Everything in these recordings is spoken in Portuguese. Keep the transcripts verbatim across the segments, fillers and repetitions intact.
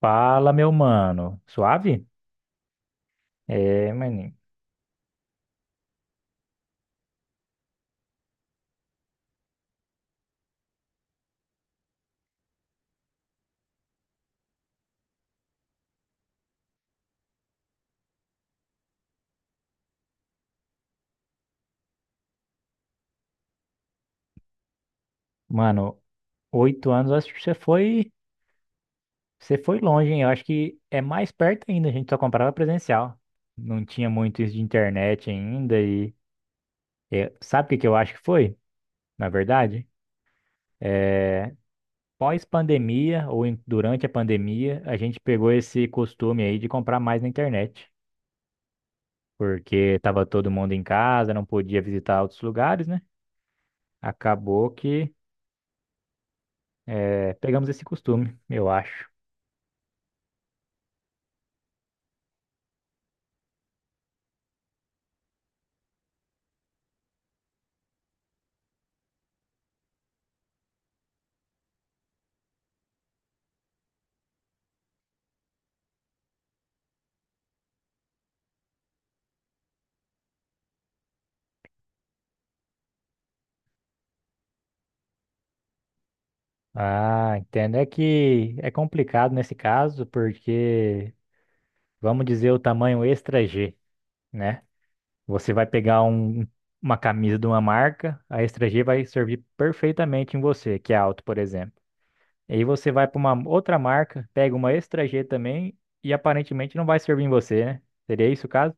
Fala, meu mano. Suave? É, maninho. Mano, oito anos, eu acho que você foi, você foi longe, hein? Eu acho que é mais perto ainda, a gente só comprava presencial. Não tinha muito isso de internet ainda e... é, sabe o que que eu acho que foi, na verdade? É, pós-pandemia ou em- durante a pandemia, a gente pegou esse costume aí de comprar mais na internet. Porque tava todo mundo em casa, não podia visitar outros lugares, né? Acabou que... É, pegamos esse costume, eu acho. Ah, entendo. É que é complicado nesse caso, porque vamos dizer o tamanho extra G, né? Você vai pegar um- Uma camisa de uma marca, a extra G vai servir perfeitamente em você, que é alto, por exemplo. E aí você vai para uma outra marca, pega uma extra G também e aparentemente não vai servir em você, né? Seria isso o caso?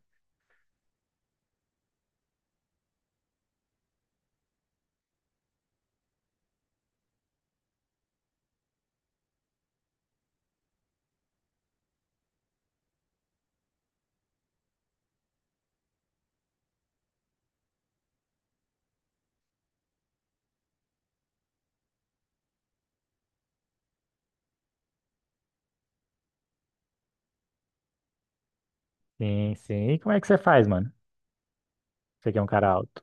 Sim, sim. E como é que você faz, mano? Você que é um cara alto.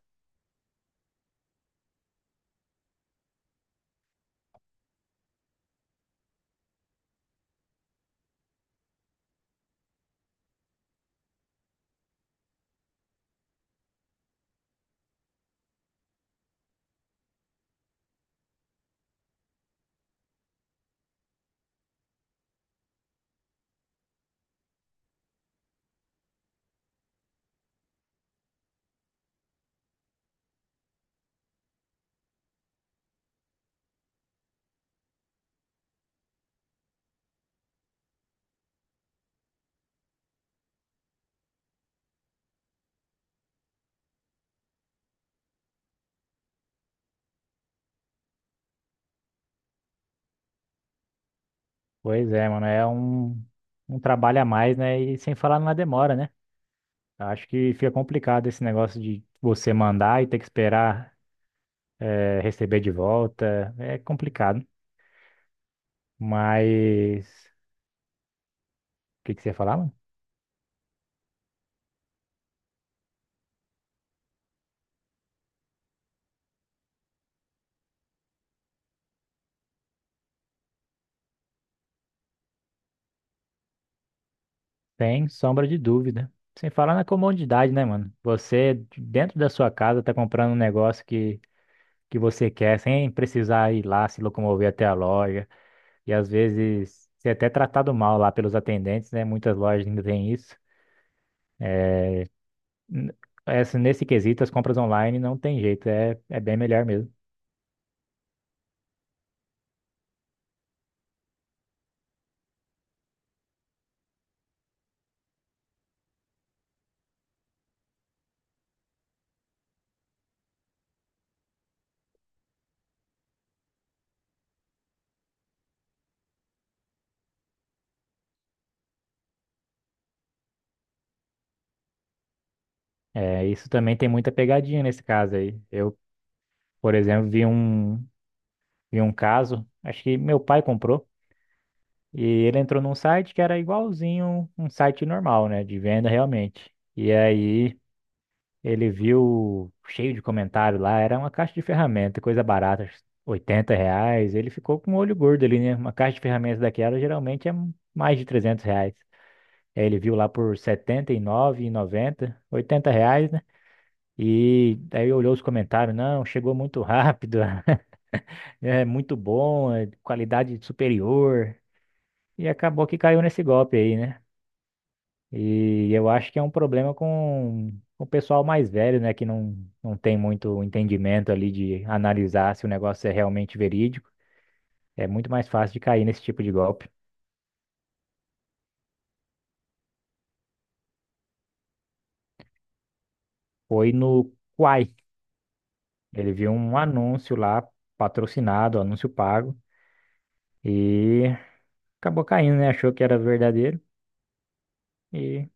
Pois é, mano, é um, um trabalho a mais, né? E sem falar na demora, né? Acho que fica complicado esse negócio de você mandar e ter que esperar eh, receber de volta. É complicado. Mas o que que você ia falar, mano? Sem sombra de dúvida. Sem falar na comodidade, né, mano? Você, dentro da sua casa, tá comprando um negócio que, que você quer, sem precisar ir lá se locomover até a loja. E às vezes, você é até tratado mal lá pelos atendentes, né? Muitas lojas ainda têm isso. N- Essa, nesse quesito, as compras online não tem jeito, é, é bem melhor mesmo. É, isso também tem muita pegadinha nesse caso aí. Eu, por exemplo, vi um, vi um caso, acho que meu pai comprou, e ele entrou num site que era igualzinho um site normal, né, de venda realmente. E aí ele viu cheio de comentário lá, era uma caixa de ferramenta, coisa barata, acho que oitenta reais. Ele ficou com o olho gordo ali, né? Uma caixa de ferramentas daquela geralmente é mais de trezentos reais. Aí ele viu lá por setenta e nove, e noventa, oitenta reais, né? E aí olhou os comentários, não, chegou muito rápido, é muito bom, é qualidade superior. E acabou que caiu nesse golpe aí, né? E eu acho que é um problema com com o pessoal mais velho, né? Que não, não tem muito entendimento ali de analisar se o negócio é realmente verídico. É muito mais fácil de cair nesse tipo de golpe. Foi no Quai. Ele viu um anúncio lá, patrocinado, anúncio pago. E acabou caindo, né? Achou que era verdadeiro. E.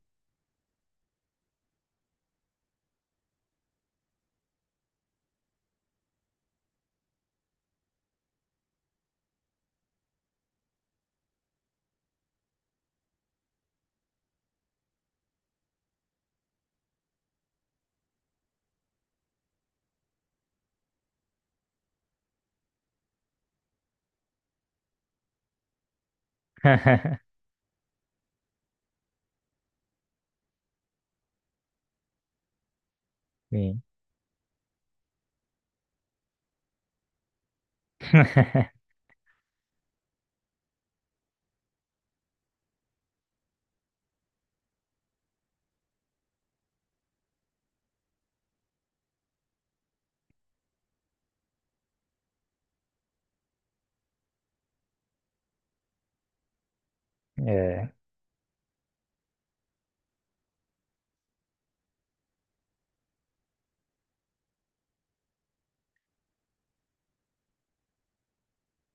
Sim. É,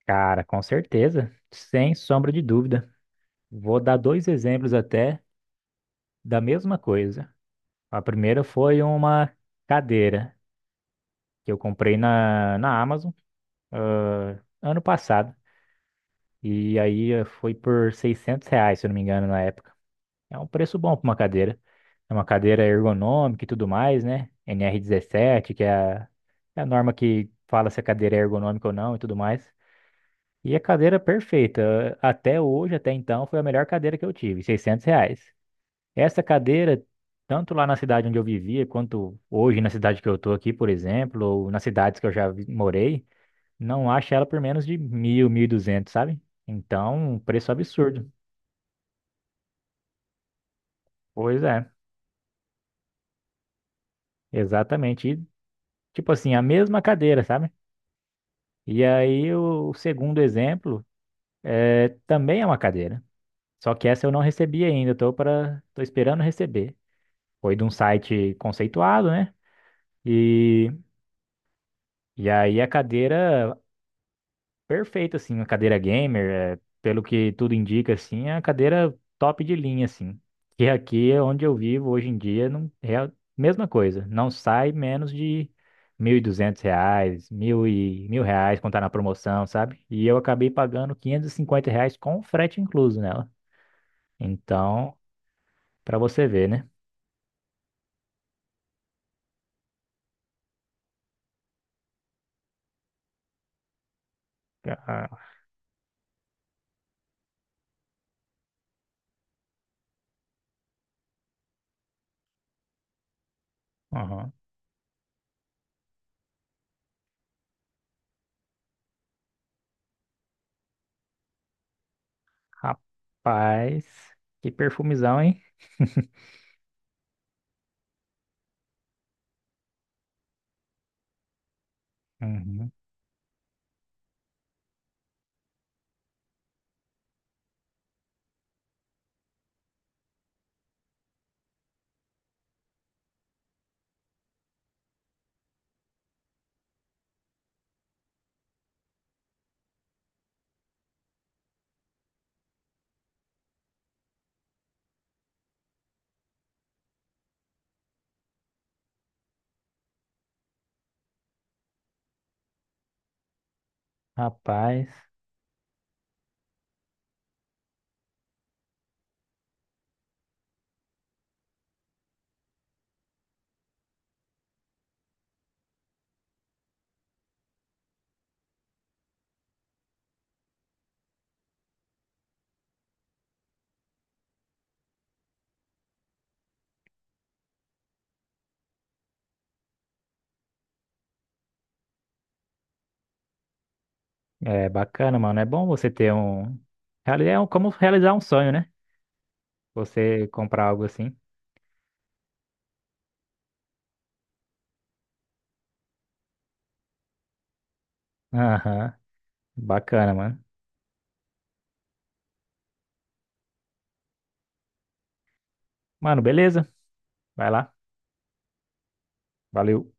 cara, com certeza. Sem sombra de dúvida. Vou dar dois exemplos até da mesma coisa. A primeira foi uma cadeira que eu comprei na, na Amazon, ah, ano passado. E aí eh, foi por seiscentos reais, se eu não me engano, na época. É um preço bom para uma cadeira. É uma cadeira ergonômica e tudo mais, né? NR dezessete, que é a, é a norma que fala se a cadeira é ergonômica ou não e tudo mais. E a cadeira perfeita, até hoje, até então, foi a melhor cadeira que eu tive, seiscentos reais. Essa cadeira, tanto lá na cidade onde eu vivia, quanto hoje na cidade que eu tô aqui, por exemplo, ou nas cidades que eu já vi- morei, não acho ela por menos de mil, mil e duzentos, sabe? Então, um preço absurdo. Pois é, exatamente. E, tipo assim, a mesma cadeira, sabe? E aí o o segundo exemplo é, também é uma cadeira. Só que essa eu não recebi ainda, tô para, tô esperando receber. Foi de um site conceituado, né? E, e aí a cadeira perfeito, assim, uma cadeira gamer, é, pelo que tudo indica, assim, é uma cadeira top de linha, assim. E aqui é onde eu vivo hoje em dia não é a mesma coisa. Não sai menos de mil e duzentos reais, mil e mil reais quando tá na promoção, sabe? E eu acabei pagando quinhentos e cinquenta reais com frete incluso nela. Então, pra você ver, né? Ah, aham. Rapaz, que perfumizão, hein? Uhum. Rapaz. É bacana, mano. É bom você ter um. reali- É um como realizar um sonho, né? Você comprar algo assim. Aham. Bacana, mano. Mano, beleza. Vai lá. Valeu.